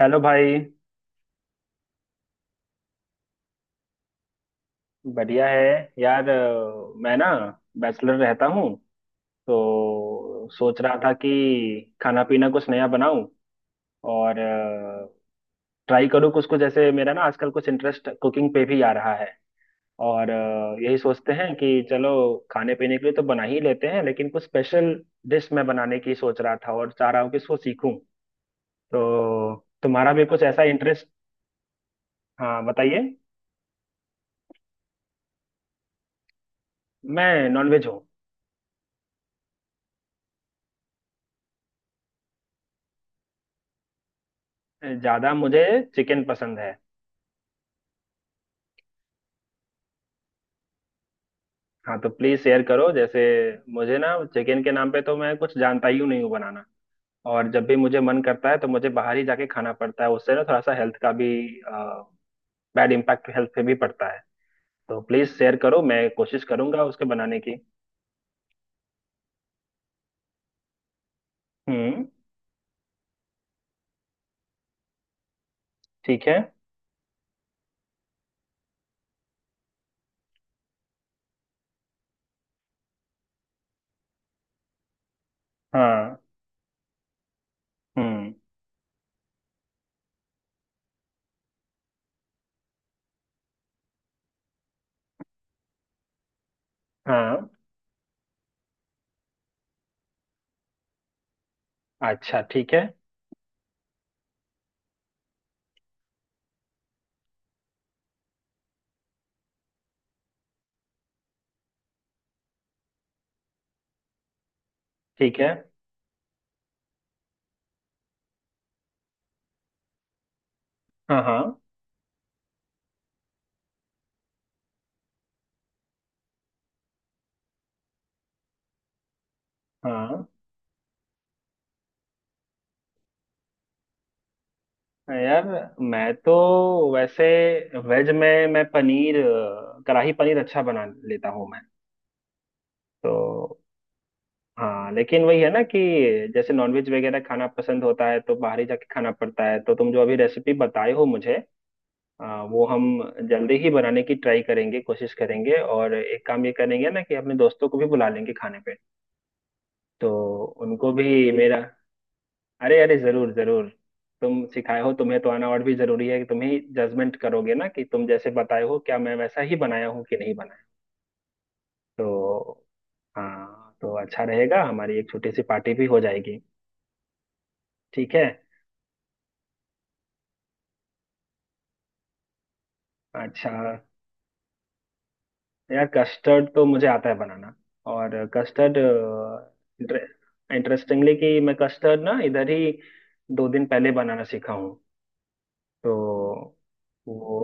Hello भाई। बढ़िया है। यार, मैं ना बैचलर रहता हूँ तो सोच रहा था कि खाना पीना कुछ नया बनाऊं और ट्राई करूँ कुछ कुछ, जैसे मेरा ना आजकल कुछ इंटरेस्ट कुकिंग पे भी आ रहा है। और यही सोचते हैं कि चलो खाने पीने के लिए तो बना ही लेते हैं, लेकिन कुछ स्पेशल डिश मैं बनाने की सोच रहा था और चाह रहा हूँ कि इसको सीखूं। तो तुम्हारा भी कुछ ऐसा इंटरेस्ट? हाँ, बताइए। मैं नॉनवेज हूँ। ज्यादा मुझे चिकन पसंद है। हाँ तो प्लीज शेयर करो। जैसे मुझे ना चिकन के नाम पे तो मैं कुछ जानता ही नहीं हूँ बनाना, और जब भी मुझे मन करता है तो मुझे बाहर ही जाके खाना पड़ता है। उससे ना थोड़ा सा हेल्थ का भी बैड इम्पैक्ट हेल्थ पे भी पड़ता है। तो प्लीज शेयर करो, मैं कोशिश करूंगा उसके बनाने की। हम्म। ठीक है। हाँ। हम्म। हाँ। अच्छा, ठीक है। ठीक है। हाँ हाँ हाँ। यार मैं तो वैसे वेज में मैं कढ़ाई पनीर अच्छा बना लेता हूँ मैं। तो हाँ, लेकिन वही है ना कि जैसे नॉनवेज वगैरह खाना पसंद होता है तो बाहर ही जाके खाना पड़ता है। तो तुम जो अभी रेसिपी बताए हो मुझे, वो हम जल्दी ही बनाने की ट्राई करेंगे, कोशिश करेंगे। और एक काम ये करेंगे ना कि अपने दोस्तों को भी बुला लेंगे खाने पे, तो उनको भी मेरा। अरे अरे, जरूर जरूर। तुम सिखाए हो, तुम्हें तो आना और भी जरूरी है कि तुम ही जजमेंट करोगे ना कि तुम जैसे बताए हो क्या मैं वैसा ही बनाया हूँ कि नहीं बनाया। तो हाँ, तो अच्छा रहेगा, हमारी एक छोटी सी पार्टी भी हो जाएगी। ठीक है। अच्छा। यार कस्टर्ड तो मुझे आता है बनाना। और कस्टर्ड इंटरेस्टिंगली कि मैं कस्टर्ड ना इधर ही दो दिन पहले बनाना सीखा हूँ। तो वो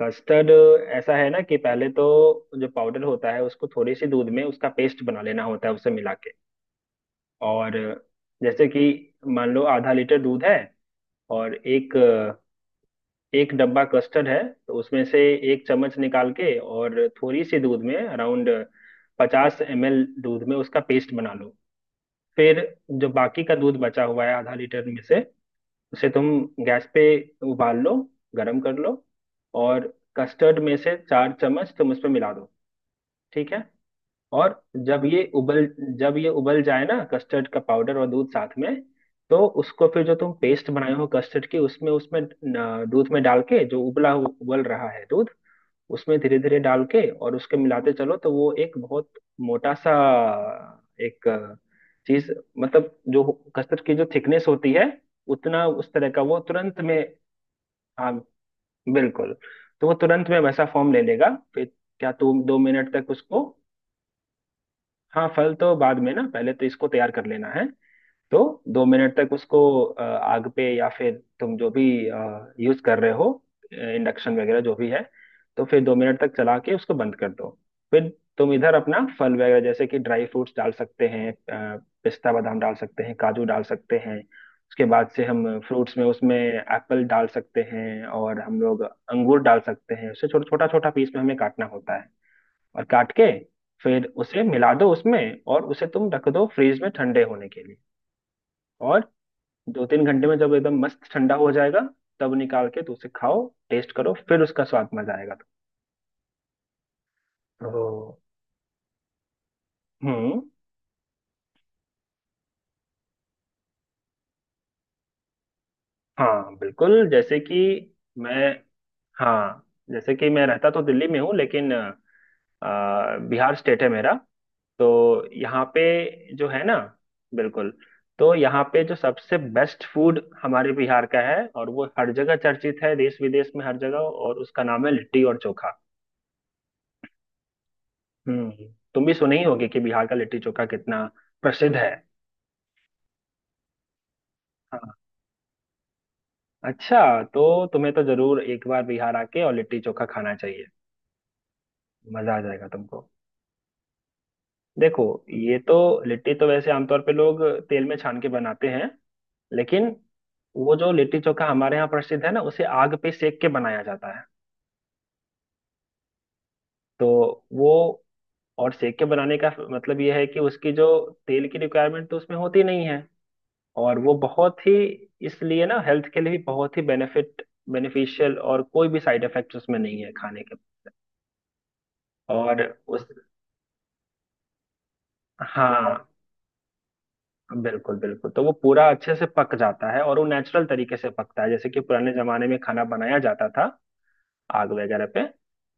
कस्टर्ड ऐसा है ना कि पहले तो जो पाउडर होता है उसको थोड़ी सी दूध में उसका पेस्ट बना लेना होता है, उसे मिला के। और जैसे कि मान लो आधा लीटर दूध है और एक एक डब्बा कस्टर्ड है, तो उसमें से एक चम्मच निकाल के और थोड़ी सी दूध में, अराउंड 50 ml दूध में, उसका पेस्ट बना लो। फिर जो बाकी का दूध बचा हुआ है आधा लीटर में से, उसे तुम गैस पे उबाल लो, गरम कर लो। और कस्टर्ड में से 4 चम्मच तुम उसमें मिला दो। ठीक है। और जब ये उबल जब ये उबल जाए ना, कस्टर्ड का पाउडर और दूध साथ में, तो उसको फिर जो तुम पेस्ट बनाए हो कस्टर्ड की, उसमें उसमें न, दूध में डाल के, जो उबल रहा है दूध, उसमें धीरे धीरे डाल के और उसके मिलाते चलो। तो वो एक बहुत मोटा सा एक चीज, मतलब जो कस्टर्ड की जो थिकनेस होती है, उतना उस तरह का वो तुरंत में। हाँ, बिल्कुल। तो वो तुरंत में वैसा फॉर्म ले लेगा। फिर क्या, तुम 2 मिनट तक उसको। हाँ, फल तो बाद में ना, पहले तो इसको तैयार कर लेना है। तो 2 मिनट तक उसको आग पे, या फिर तुम जो भी यूज कर रहे हो, इंडक्शन वगैरह जो भी है, तो फिर 2 मिनट तक चला के उसको बंद कर दो। फिर तुम इधर अपना फल वगैरह जैसे कि ड्राई फ्रूट्स डाल सकते हैं, पिस्ता बादाम डाल सकते हैं, काजू डाल सकते हैं। उसके बाद से हम फ्रूट्स में उसमें एप्पल डाल सकते हैं और हम लोग अंगूर डाल सकते हैं। उसे छोटा छोटा छोटा पीस में हमें काटना होता है, और काट के फिर उसे मिला दो उसमें। और उसे तुम रख दो फ्रीज में ठंडे होने के लिए। और 2-3 घंटे में जब एकदम मस्त ठंडा हो जाएगा, तब निकाल के तो उसे खाओ, टेस्ट करो, फिर उसका स्वाद, मजा आएगा। तो हम्म। हाँ बिल्कुल, जैसे कि मैं, हाँ जैसे कि मैं रहता तो दिल्ली में हूँ, लेकिन बिहार स्टेट है मेरा। तो यहाँ पे जो है ना, बिल्कुल, तो यहाँ पे जो सबसे बेस्ट फूड हमारे बिहार का है, और वो हर जगह चर्चित है, देश विदेश में हर जगह, और उसका नाम है लिट्टी और चोखा। हम्म। तुम भी सुने ही होगे कि बिहार का लिट्टी चोखा कितना प्रसिद्ध है। हाँ। अच्छा। तो तुम्हें तो जरूर एक बार बिहार आके और लिट्टी चोखा खाना चाहिए, मजा आ जाएगा तुमको। देखो, ये तो, लिट्टी तो वैसे आमतौर पे लोग तेल में छान के बनाते हैं, लेकिन वो जो लिट्टी चोखा हमारे यहाँ प्रसिद्ध है ना, उसे आग पे सेक के बनाया जाता है। तो वो, और सेक के बनाने का मतलब ये है कि उसकी जो तेल की रिक्वायरमेंट तो उसमें होती नहीं है, और वो बहुत ही, इसलिए ना हेल्थ के लिए भी बहुत ही बेनिफिट बेनिफिशियल, और कोई भी साइड इफेक्ट उसमें नहीं है खाने के। और उस हाँ, बिल्कुल बिल्कुल, तो वो पूरा अच्छे से पक जाता है और वो नेचुरल तरीके से पकता है, जैसे कि पुराने जमाने में खाना बनाया जाता था आग वगैरह पे।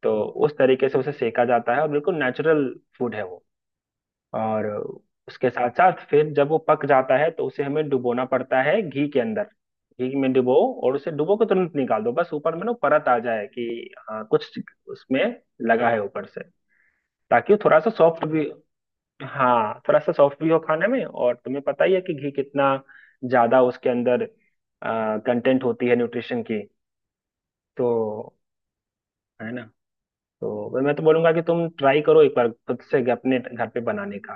तो उस तरीके से उसे सेका जाता है, और बिल्कुल नेचुरल फूड है वो। और उसके साथ साथ फिर जब वो पक जाता है तो उसे हमें डुबोना पड़ता है घी के अंदर, घी में डुबो। और उसे डुबो के तुरंत निकाल दो, बस ऊपर में ना परत आ जाए कि हाँ कुछ उसमें लगा है ऊपर से, ताकि वो थोड़ा सा सॉफ्ट भी, हाँ थोड़ा सा सॉफ्ट भी हो खाने में। और तुम्हें पता ही है कि घी कितना ज्यादा उसके अंदर कंटेंट होती है न्यूट्रिशन की, तो है ना। तो मैं तो बोलूंगा कि तुम ट्राई करो एक बार खुद से अपने घर पे बनाने का।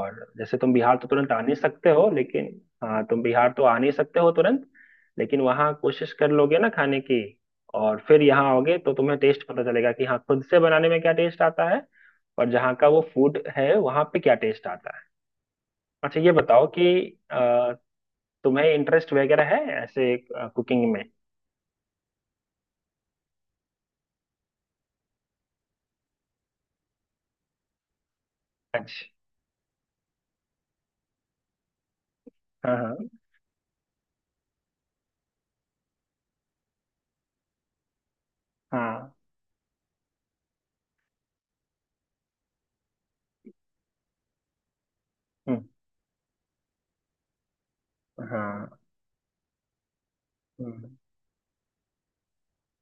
और जैसे तुम बिहार तो तुरंत आ नहीं सकते हो लेकिन, हाँ, तुम बिहार तो आ नहीं सकते हो तुरंत, लेकिन वहाँ कोशिश कर लोगे ना खाने की, और फिर यहाँ आओगे तो तुम्हें टेस्ट पता चलेगा कि हाँ, खुद से बनाने में क्या टेस्ट आता है और जहाँ का वो फूड है वहाँ पे क्या टेस्ट आता है। अच्छा ये बताओ कि अ, तुम्हें इंटरेस्ट वगैरह है ऐसे कुकिंग में? अच्छा। हाँ हाँ हाँ। हम्म। हाँ। हम्म।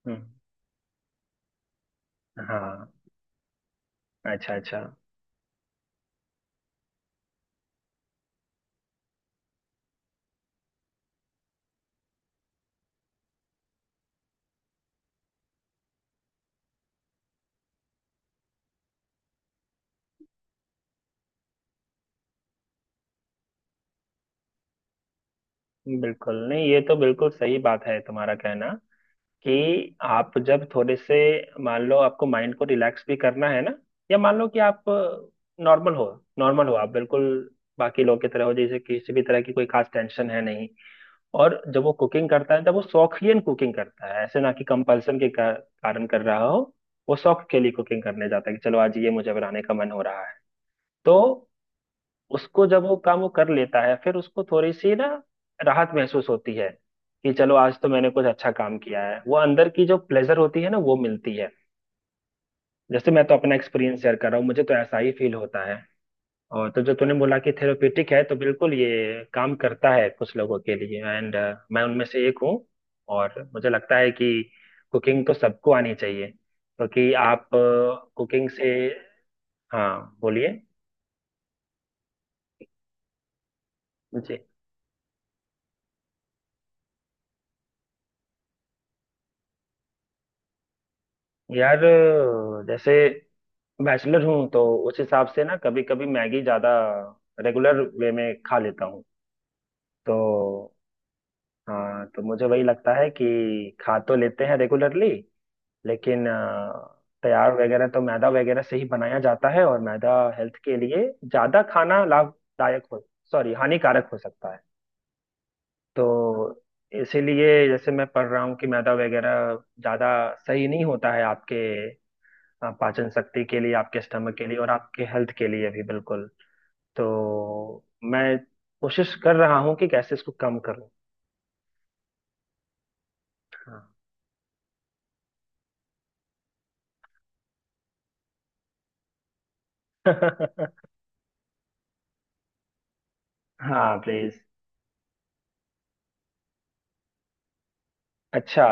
हम्म। हाँ। अच्छा अच्छा। बिल्कुल नहीं, ये तो बिल्कुल सही बात है तुम्हारा कहना, कि आप जब थोड़े से, मान लो आपको माइंड को रिलैक्स भी करना है ना, या मान लो कि आप नॉर्मल हो, नॉर्मल हो आप बिल्कुल, बाकी लोग की तरह हो, जैसे किसी भी तरह की कोई खास टेंशन है नहीं, और जब वो कुकिंग करता है तब वो शौकियन कुकिंग करता है, ऐसे ना कि कंपल्सन के कारण कर रहा हो। वो शौक के लिए कुकिंग करने जाता है कि चलो आज ये मुझे बनाने का मन हो रहा है। तो उसको जब वो काम वो कर लेता है, फिर उसको थोड़ी सी ना राहत महसूस होती है, कि चलो आज तो मैंने कुछ अच्छा काम किया है, वो अंदर की जो प्लेजर होती है ना वो मिलती है। जैसे मैं तो अपना एक्सपीरियंस शेयर कर रहा हूँ, मुझे तो ऐसा ही फील होता है। और तो जो तूने बोला कि थेरेपेटिक है, तो बिल्कुल ये काम करता है कुछ लोगों के लिए, एंड मैं उनमें से एक हूँ। और मुझे लगता है कि कुकिंग तो सबको आनी चाहिए, क्योंकि आप कुकिंग से, हाँ बोलिए। यार, जैसे बैचलर हूँ तो उस हिसाब से ना कभी कभी मैगी ज्यादा रेगुलर वे में खा लेता हूँ। तो हाँ, तो मुझे वही लगता है कि खा तो लेते हैं रेगुलरली, लेकिन तैयार वगैरह तो मैदा वगैरह से ही बनाया जाता है, और मैदा हेल्थ के लिए ज्यादा खाना लाभदायक हो, सॉरी हानिकारक हो सकता है। तो इसीलिए जैसे मैं पढ़ रहा हूँ कि मैदा वगैरह ज्यादा सही नहीं होता है आपके, हाँ, पाचन शक्ति के लिए, आपके स्टमक के लिए और आपके हेल्थ के लिए भी बिल्कुल। तो मैं कोशिश कर रहा हूँ कि कैसे इसको कम करूँ। हाँ। हाँ प्लीज। अच्छा।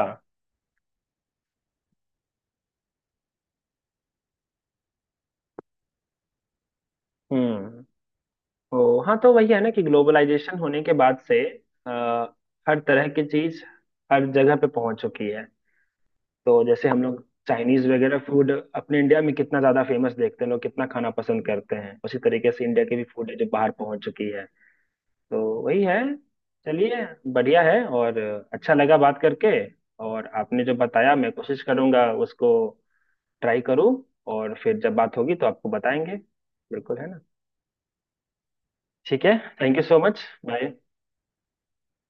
हम्म। ओ हाँ, तो वही है ना कि ग्लोबलाइजेशन होने के बाद से, अ, हर तरह की चीज हर जगह पे पहुंच चुकी है। तो जैसे हम लोग चाइनीज वगैरह फूड अपने इंडिया में कितना ज्यादा फेमस देखते हैं, लोग कितना खाना पसंद करते हैं, उसी तरीके से इंडिया की भी फूड है जो बाहर पहुंच चुकी है। तो वही है। चलिए, बढ़िया है। और अच्छा लगा बात करके। और आपने जो बताया मैं कोशिश करूंगा उसको ट्राई करूं, और फिर जब बात होगी तो आपको बताएंगे। बिल्कुल, है ना। ठीक है। Thank you so much. Bye.